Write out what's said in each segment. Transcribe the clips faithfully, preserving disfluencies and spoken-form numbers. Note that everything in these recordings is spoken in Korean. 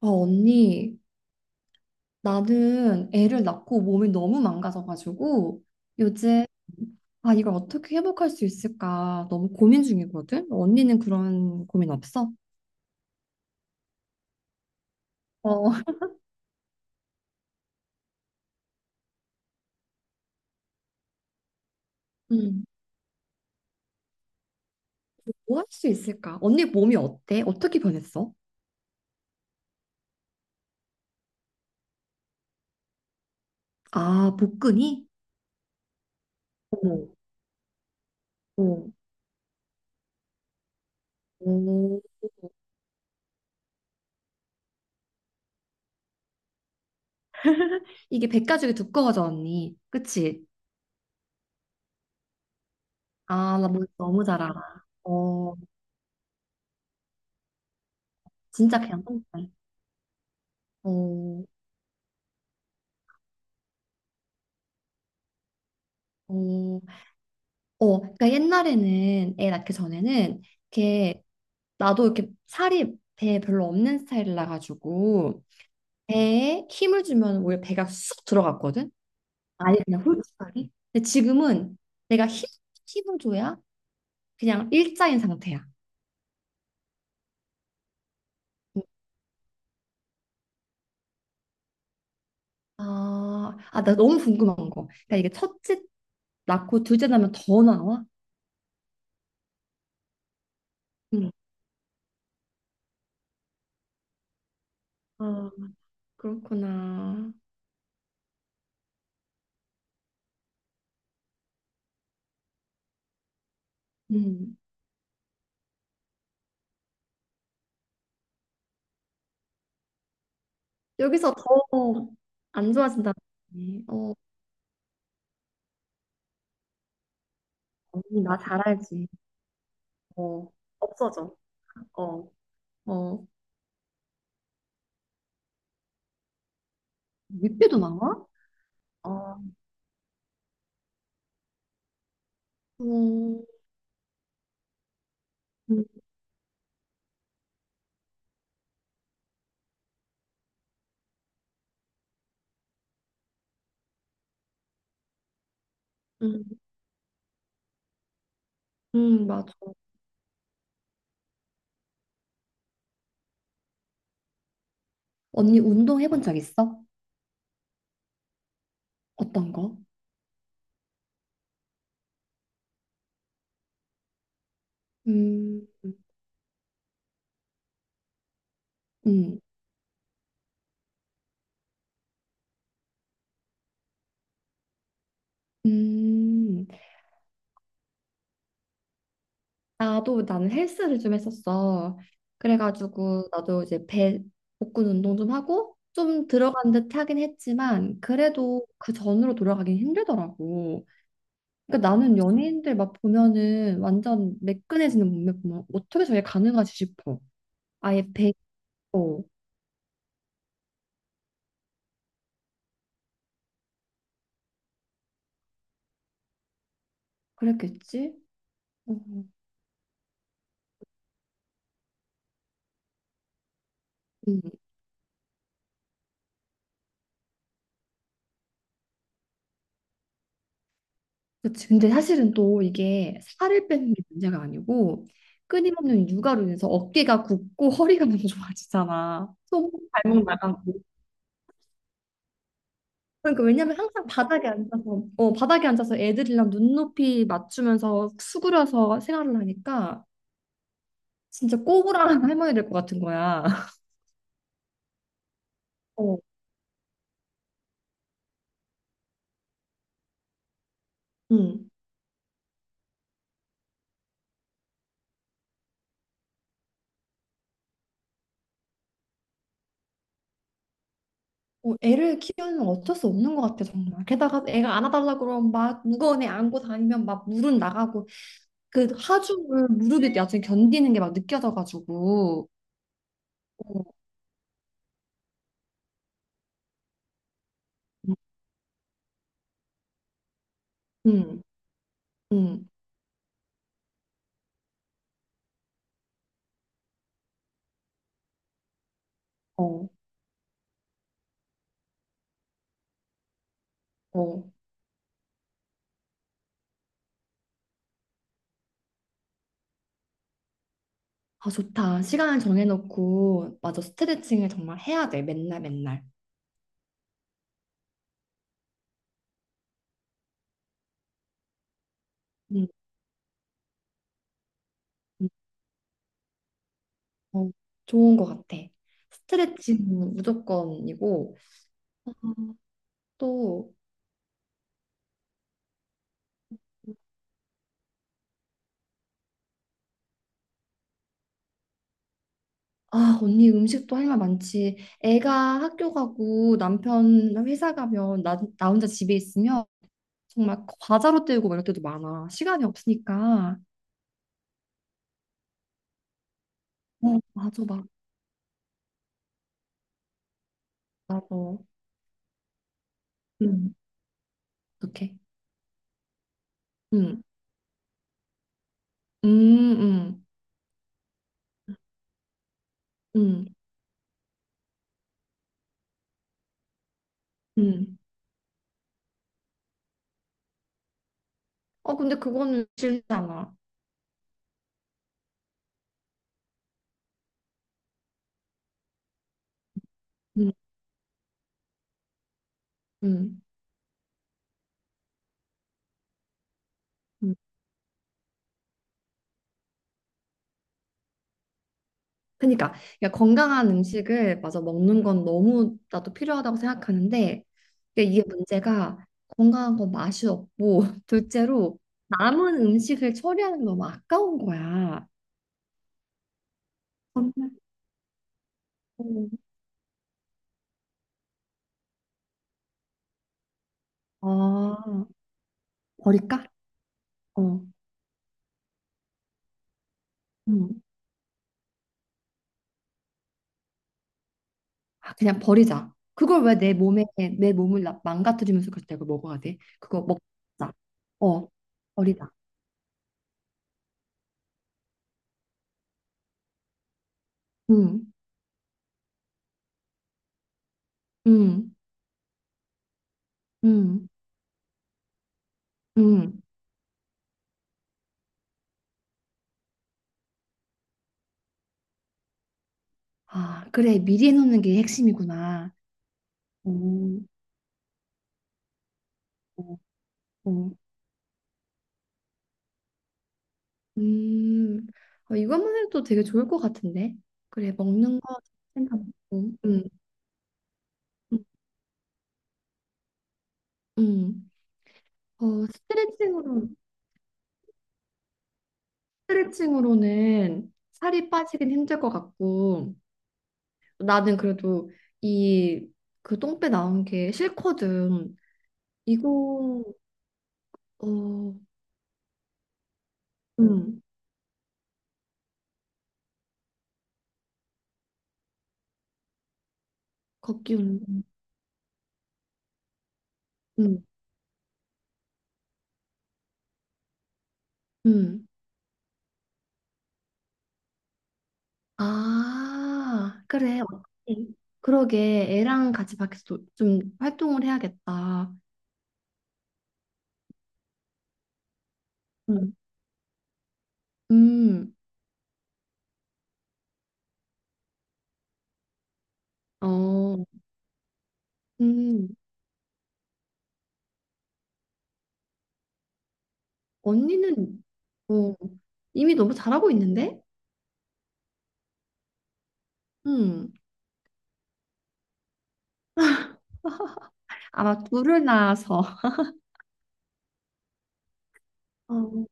아, 언니, 나는 애를 낳고 몸이 너무 망가져가지고 요즘 아, 이걸 어떻게 회복할 수 있을까 너무 고민 중이거든? 언니는 그런 고민 없어? 어, 음. 뭐 할 수 있을까? 언니 몸이 어때? 어떻게 변했어? 아, 복근이? 오, 오, 오. 이게 백가죽이 두꺼워져, 언니. 그치? 아, 나 몸 너무 잘 알아. 어, 진짜 그냥 똥살. 어, 어. 어, 그러니까 옛날에는 애 낳기 전에는 이렇게 나도 이렇게 살이 배에 별로 없는 스타일이라 가지고 배에 힘을 주면 오히려 배가 쑥 들어갔거든. 아예 그냥 홀쭉하게. 근데 지금은 내가 힘 힘을 줘야 그냥 일자인 상태야. 아, 아, 나 너무 궁금한 거. 그러니까 이게 첫째 낳고 둘째 낳으면 더 나와? 응. 아, 그렇구나. 음. 여기서 더 안 좋아진다. 어, 언니 나 잘 알지. 어, 없어져. 어, 어, 윗배도 나와? 어, 음, 음, 음, 음, 맞아. 언니 운동 해본 적 있어? 어떤 거? 음, 음, 음. 나도 나는 헬스를 좀 했었어. 그래가지고 나도 이제 배 복근 운동 좀 하고 좀 들어간 듯 하긴 했지만 그래도 그 전으로 돌아가긴 힘들더라고. 그러니까 나는 연예인들 막 보면은 완전 매끈해지는 몸매 보면 어떻게 저게 가능하지 싶어. 아예 베고 그랬겠지? 어, 음, 그치. 근데 사실은 또 이게 살을 빼는 게 문제가 아니고 끊임없는 육아로 인해서 어깨가 굽고 허리가 너무 좋아지잖아. 손목 발목 나가고. 그러니까 왜냐면 항상 바닥에 앉아서 어 바닥에 앉아서 애들이랑 눈높이 맞추면서 수그려서 생활을 하니까 진짜 꼬부랑 할머니 될 것 같은 거야. 어, 응. 어, 애를 키우면 어쩔 수 없는 것 같아 정말. 게다가 애가 안아달라 그러면 막 무거운 애 안고 다니면 막 물은 나가고 그 하중을 무릎이 나중에 견디는 게 막 느껴져가지고. 어, 음, 음, 음. 어, 어. 아 좋다. 시간을 정해놓고 맞아 스트레칭을 정말 해야 돼 맨날 맨날. 음, 음, 어, 좋은 것 같아. 스트레칭 무조건이고 어, 또. 아, 언니 음식도 할 말 많지. 애가 학교 가고 남편 회사 가면 나, 나 혼자 집에 있으면 정말 과자로 때우고 막 이럴 때도 많아. 시간이 없으니까. 어, 맞아, 맞아, 맞아. 음, 어떡해. 음, 음, 음, 음, 음. 어, 근데 그거는 싫잖아. 음, 음, 음. 그러니까, 그러니까 건강한 음식을 맞아 먹는 건 너무 나도 필요하다고 생각하는데 근데 이게 문제가 건강한 건 맛이 없고 둘째로 남은 음식을 처리하는 게 너무 아까운 거야. 정말. 어, 아, 버릴까? 어, 음. 아, 그냥 버리자. 그걸 왜 내 몸에 내 몸을 나- 망가뜨리면서 그때 그걸 먹어야 돼? 그거 먹자. 어, 버리자. 음, 음, 음, 음. 아, 그래 미리 해놓는 게 핵심이구나. 음, 음, 음. 음, 어, 이것만 해도 되게 좋을 것 같은데. 그래, 먹는 거 생각하고. 음, 음, 음. 어, 스트레칭으로, 스트레칭으로는 살이 빠지긴 힘들 것 같고, 나는 그래도 이, 그 똥배 나온 게 싫거든. 이거, 어, 음, 걷기 운동. 음, 음. 아, 그래. 어떡해. 그러게. 애랑 같이 밖에서 도- 좀 활동을 해야겠다. 음, 음, 어, 음. 언니는 어, 이미 너무 잘하고 있는데? 음, 아마 둘을 낳아서. 어,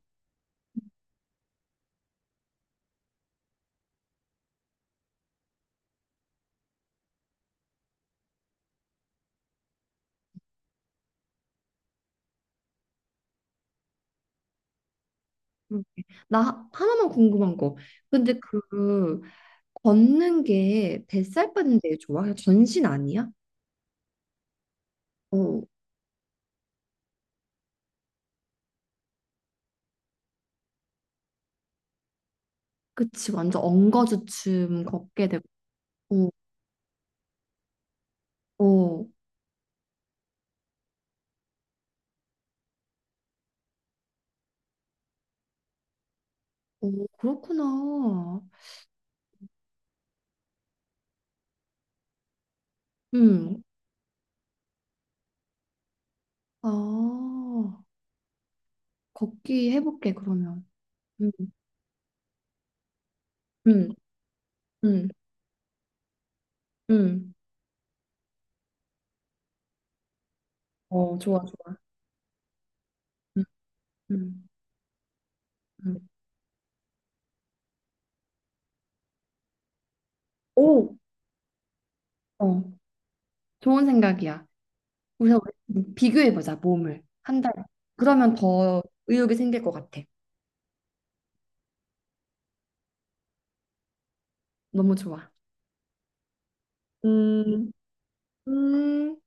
그러게. 나 하나만 궁금한 거. 근데 그 걷는 게 뱃살 빠는 데 좋아? 그냥 전신 아니야? 어, 그치. 완전 엉거주춤 걷게 되고. 어, 오, 그렇구나. 음. 아, 걷기 해볼게, 그러면. 음, 음, 음, 음. 어, 좋아, 좋아. 음, 음, 음. 오, 어, 좋은 생각이야. 우선 우리 비교해보자, 몸을. 한 달. 그러면 더 의욕이 생길 것 같아. 너무 좋아. 음, 음.